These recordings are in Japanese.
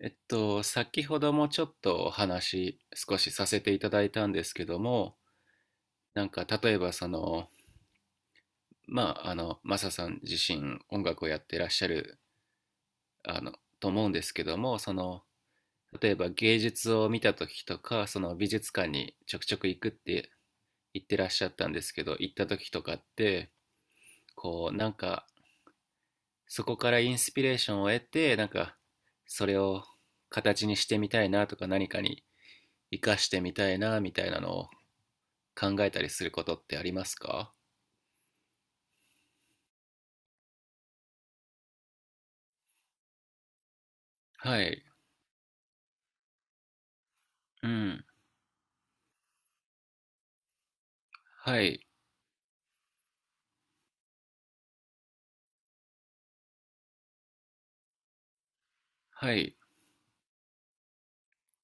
先ほどもちょっとお話少しさせていただいたんですけども、なんか例えばその、まあ、あの、マサさん自身音楽をやってらっしゃる、あの、と思うんですけども、その、例えば芸術を見た時とか、その美術館にちょくちょく行くって言ってらっしゃったんですけど、行った時とかって、こう、なんかそこからインスピレーションを得て、なんかそれを形にしてみたいなとか何かに活かしてみたいなみたいなのを考えたりすることってありますか？はい、うん、はい、はい、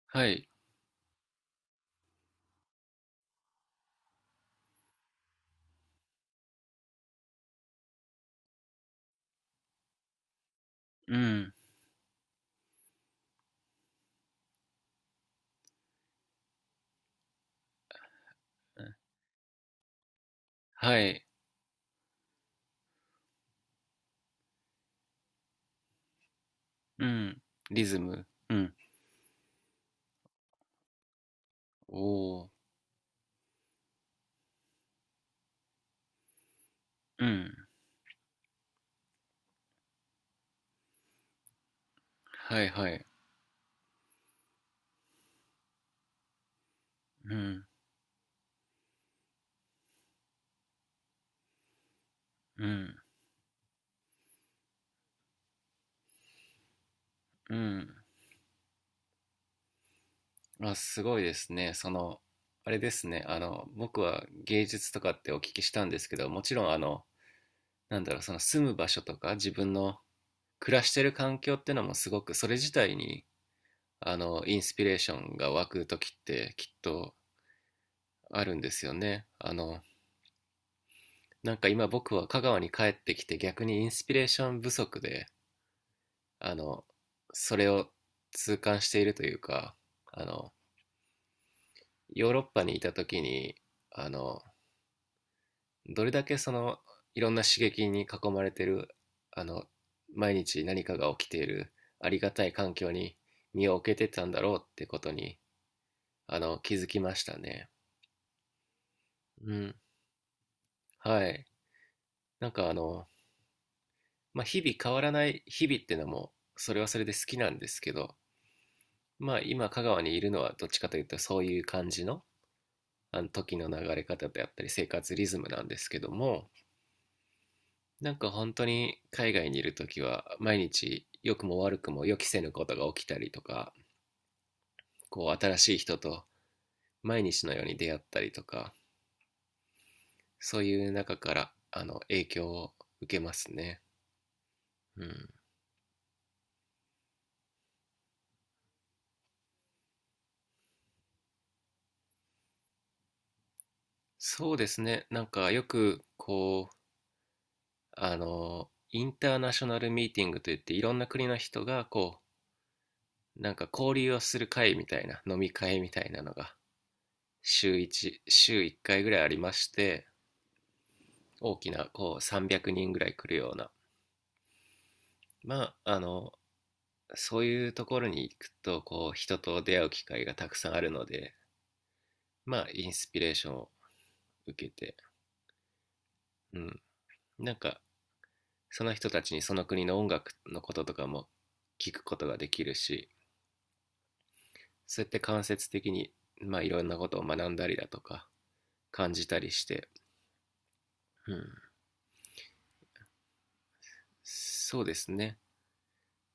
はい、うん、はい、うん、リズム、うん、おー、うん、はい、はい、うん、うん、うん。あ、すごいですね。その、あれですね、あの、僕は芸術とかってお聞きしたんですけど、もちろん、あの、なんだろう、その住む場所とか自分の暮らしてる環境ってのもすごく、それ自体に、あの、インスピレーションが湧くときってきっとあるんですよね。あの、なんか今僕は香川に帰ってきて逆にインスピレーション不足で、あの、それを痛感しているというか、あの、ヨーロッパにいた時に、あの、どれだけその、いろんな刺激に囲まれてる、あの、毎日何かが起きているありがたい環境に身を置けてたんだろうってことに、あの、気づきましたね。うん。はい。なんかあの、まあ、日々変わらない日々っていうのもそれはそれで好きなんですけど、まあ、今香川にいるのはどっちかというとそういう感じの、あの時の流れ方であったり生活リズムなんですけども、なんか本当に海外にいる時は毎日良くも悪くも予期せぬことが起きたりとか、こう新しい人と毎日のように出会ったりとか、そういう中からあの影響を受けますね。うん、そうですね。なんかよくこう、あの、インターナショナルミーティングといっていろんな国の人がこう、なんか交流をする会みたいな、飲み会みたいなのが週1、週1回ぐらいありまして、大きなこう300人ぐらい来るような、まあ、あの、そういうところに行くとこう人と出会う機会がたくさんあるので、まあ、インスピレーションを受けて、うん、なんかその人たちにその国の音楽のこととかも聞くことができるし、そうやって間接的に、まあ、いろんなことを学んだりだとか、感じたりして、うん、そうですね。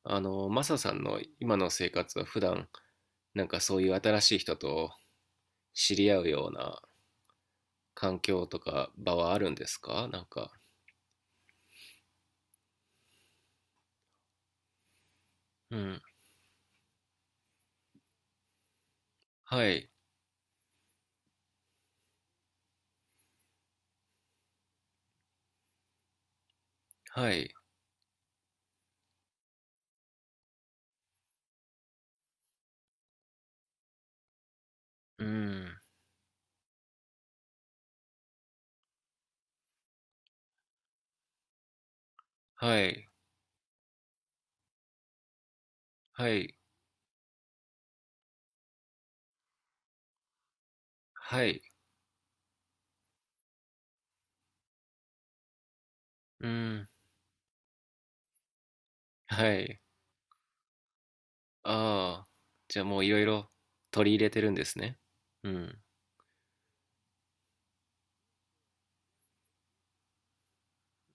あの、マサさんの今の生活は普段、なんかそういう新しい人と知り合うような環境とか場はあるんですかなんか。うん。はい。はい。うん。はい。はい。はい。うん。はい。ああ。じゃあもういろいろ取り入れてるんですね。うん。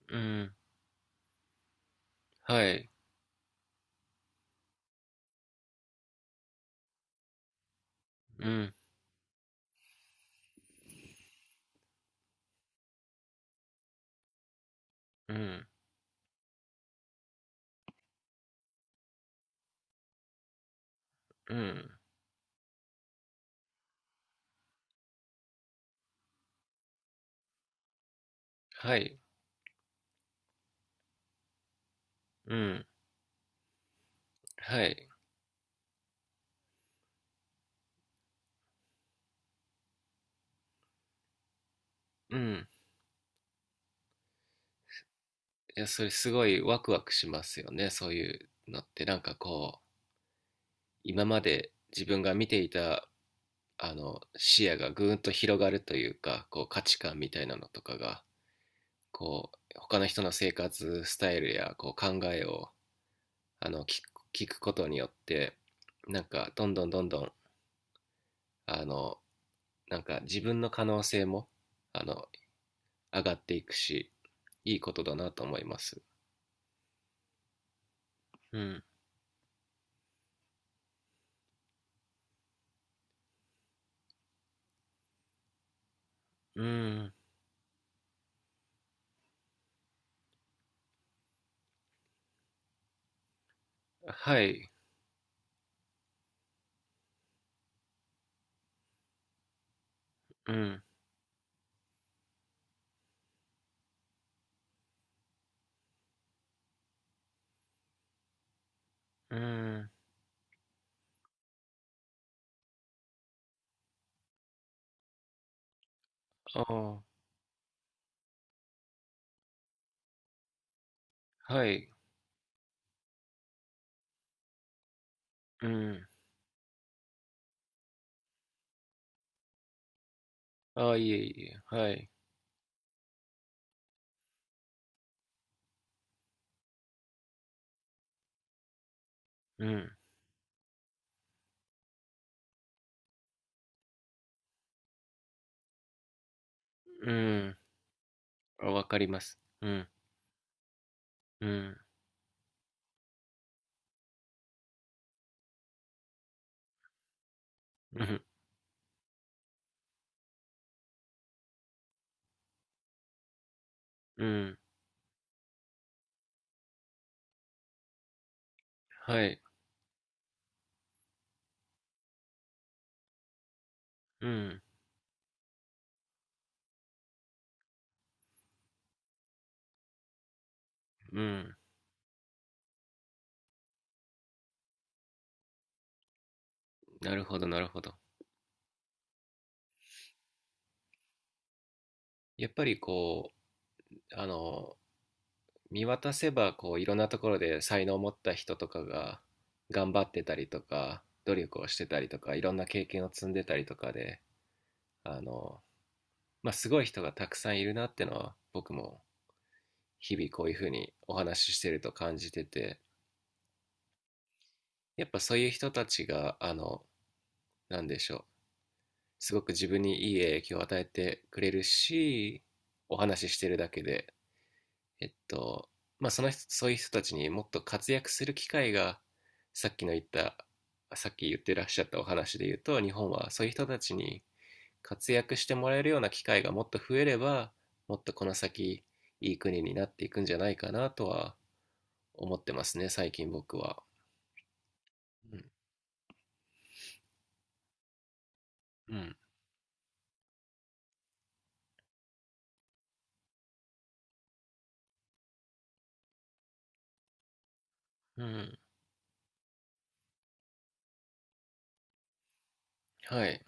うん。はい。うん。うん。うん。はい。うん。はい。うん。いや、それすごいワクワクしますよね。そういうのって。なんかこう、今まで自分が見ていた、あの、視野がぐーんと広がるというか、こう、価値観みたいなのとかが、こう、他の人の生活スタイルや、こう、考えを、あの、聞く、聞くことによって、なんか、どんどんどんどん、あの、なんか自分の可能性も、あの、上がっていくし、いいことだなと思います。うん。うん。はい。うん。うん。ああ、はい。うん。ああ、いえいえ、はい。うん。うん。あ、わかります。うん。うん。うん。うん。はい。うん。うん。なるほど、なるほど。やっぱりこう、あの、見渡せば、こう、いろんなところで才能を持った人とかが頑張ってたりとか、努力をしてたりとか、いろんな経験を積んでたりとかで、あの、まあ、すごい人がたくさんいるなってのは僕も日々こういうふうにお話ししてると感じてて、やっぱそういう人たちがあの、なんでしょう、すごく自分にいい影響を与えてくれるし、お話ししてるだけで、えっと、まあその人そういう人たちにもっと活躍する機会が、さっきの言ったさっき言ってらっしゃったお話で言うと、日本はそういう人たちに活躍してもらえるような機会がもっと増えれば、もっとこの先いい国になっていくんじゃないかなとは思ってますね、最近僕は。うん、うん、うん、はい。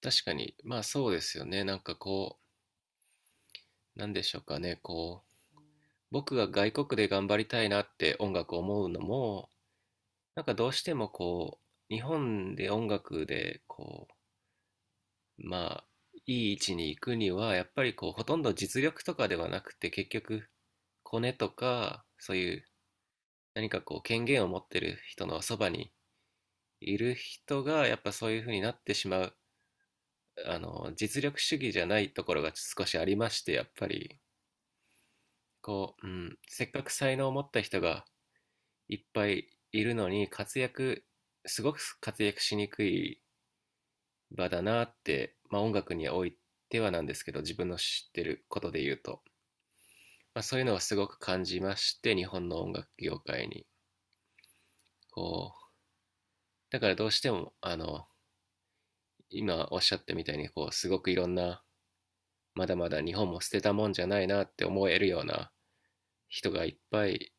確かに、まあそうですよね。なんかこう、なんでしょうかね。こう、僕が外国で頑張りたいなって音楽を思うのも、なんかどうしてもこう、日本で音楽で、こう、まあ、いい位置に行くには、やっぱりこう、ほとんど実力とかではなくて、結局、コネとか、そういう何かこう、権限を持ってる人のそばにいる人が、やっぱそういう風になってしまう、あの、実力主義じゃないところが少しありまして、やっぱり、こう、うん、せっかく才能を持った人がいっぱいいるのに、活躍、すごく活躍しにくい場だなって、まあ音楽においてはなんですけど、自分の知ってることで言うと、まあそういうのはすごく感じまして、日本の音楽業界に。こう、だからどうしても、あの、今おっしゃったみたいに、こう、すごくいろんな、まだまだ日本も捨てたもんじゃないなって思えるような人がいっぱい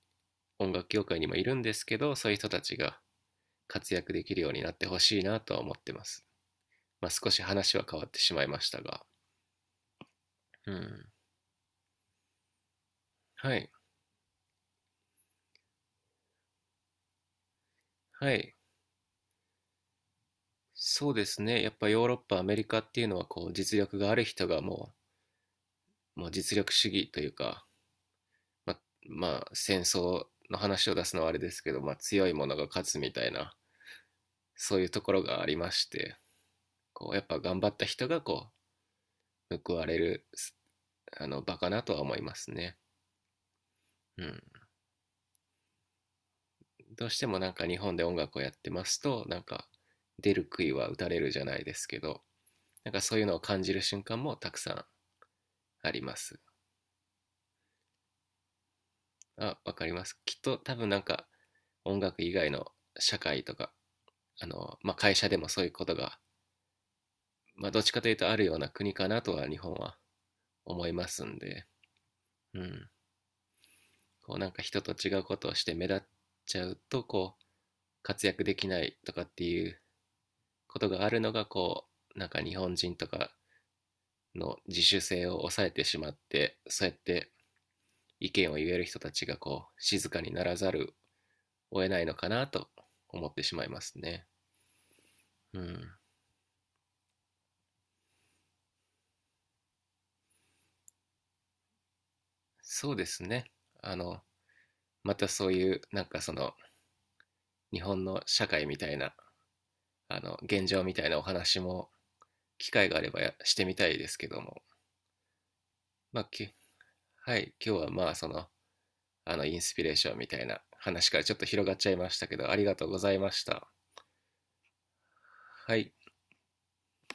音楽業界にもいるんですけど、そういう人たちが活躍できるようになってほしいなとは思ってます、まあ、少し話は変わってしまいましたが、うん、はい、はい、そうですね。やっぱヨーロッパアメリカっていうのはこう実力がある人がもう実力主義というか、ままあ戦争の話を出すのはあれですけど、まあ、強いものが勝つみたいな、そういうところがありまして、こうやっぱ頑張った人がこう報われるあの場かなとは思いますね。うん、どうしてもなんか日本で音楽をやってますと、なんか出る杭は打たれるじゃないですけど、なんかそういうのを感じる瞬間もたくさんあります。あ、わかります、きっと多分なんか音楽以外の社会とか、あの、まあ、会社でもそういうことが、まあ、どっちかというとあるような国かなとは日本は思いますんで、うん、こうなんか人と違うことをして目立っちゃうとこう活躍できないとかっていうことがあるのが、こうなんか日本人とかの自主性を抑えてしまって、そうやって意見を言える人たちがこう静かにならざるを得ないのかなと思ってしまいますね。うん、そうですね、あの、またそういうなんかその日本の社会みたいなあの現状みたいなお話も機会があればしてみたいですけども、まあ、はい、今日はまあそのあのインスピレーションみたいな話からちょっと広がっちゃいましたけどありがとうございました。はい。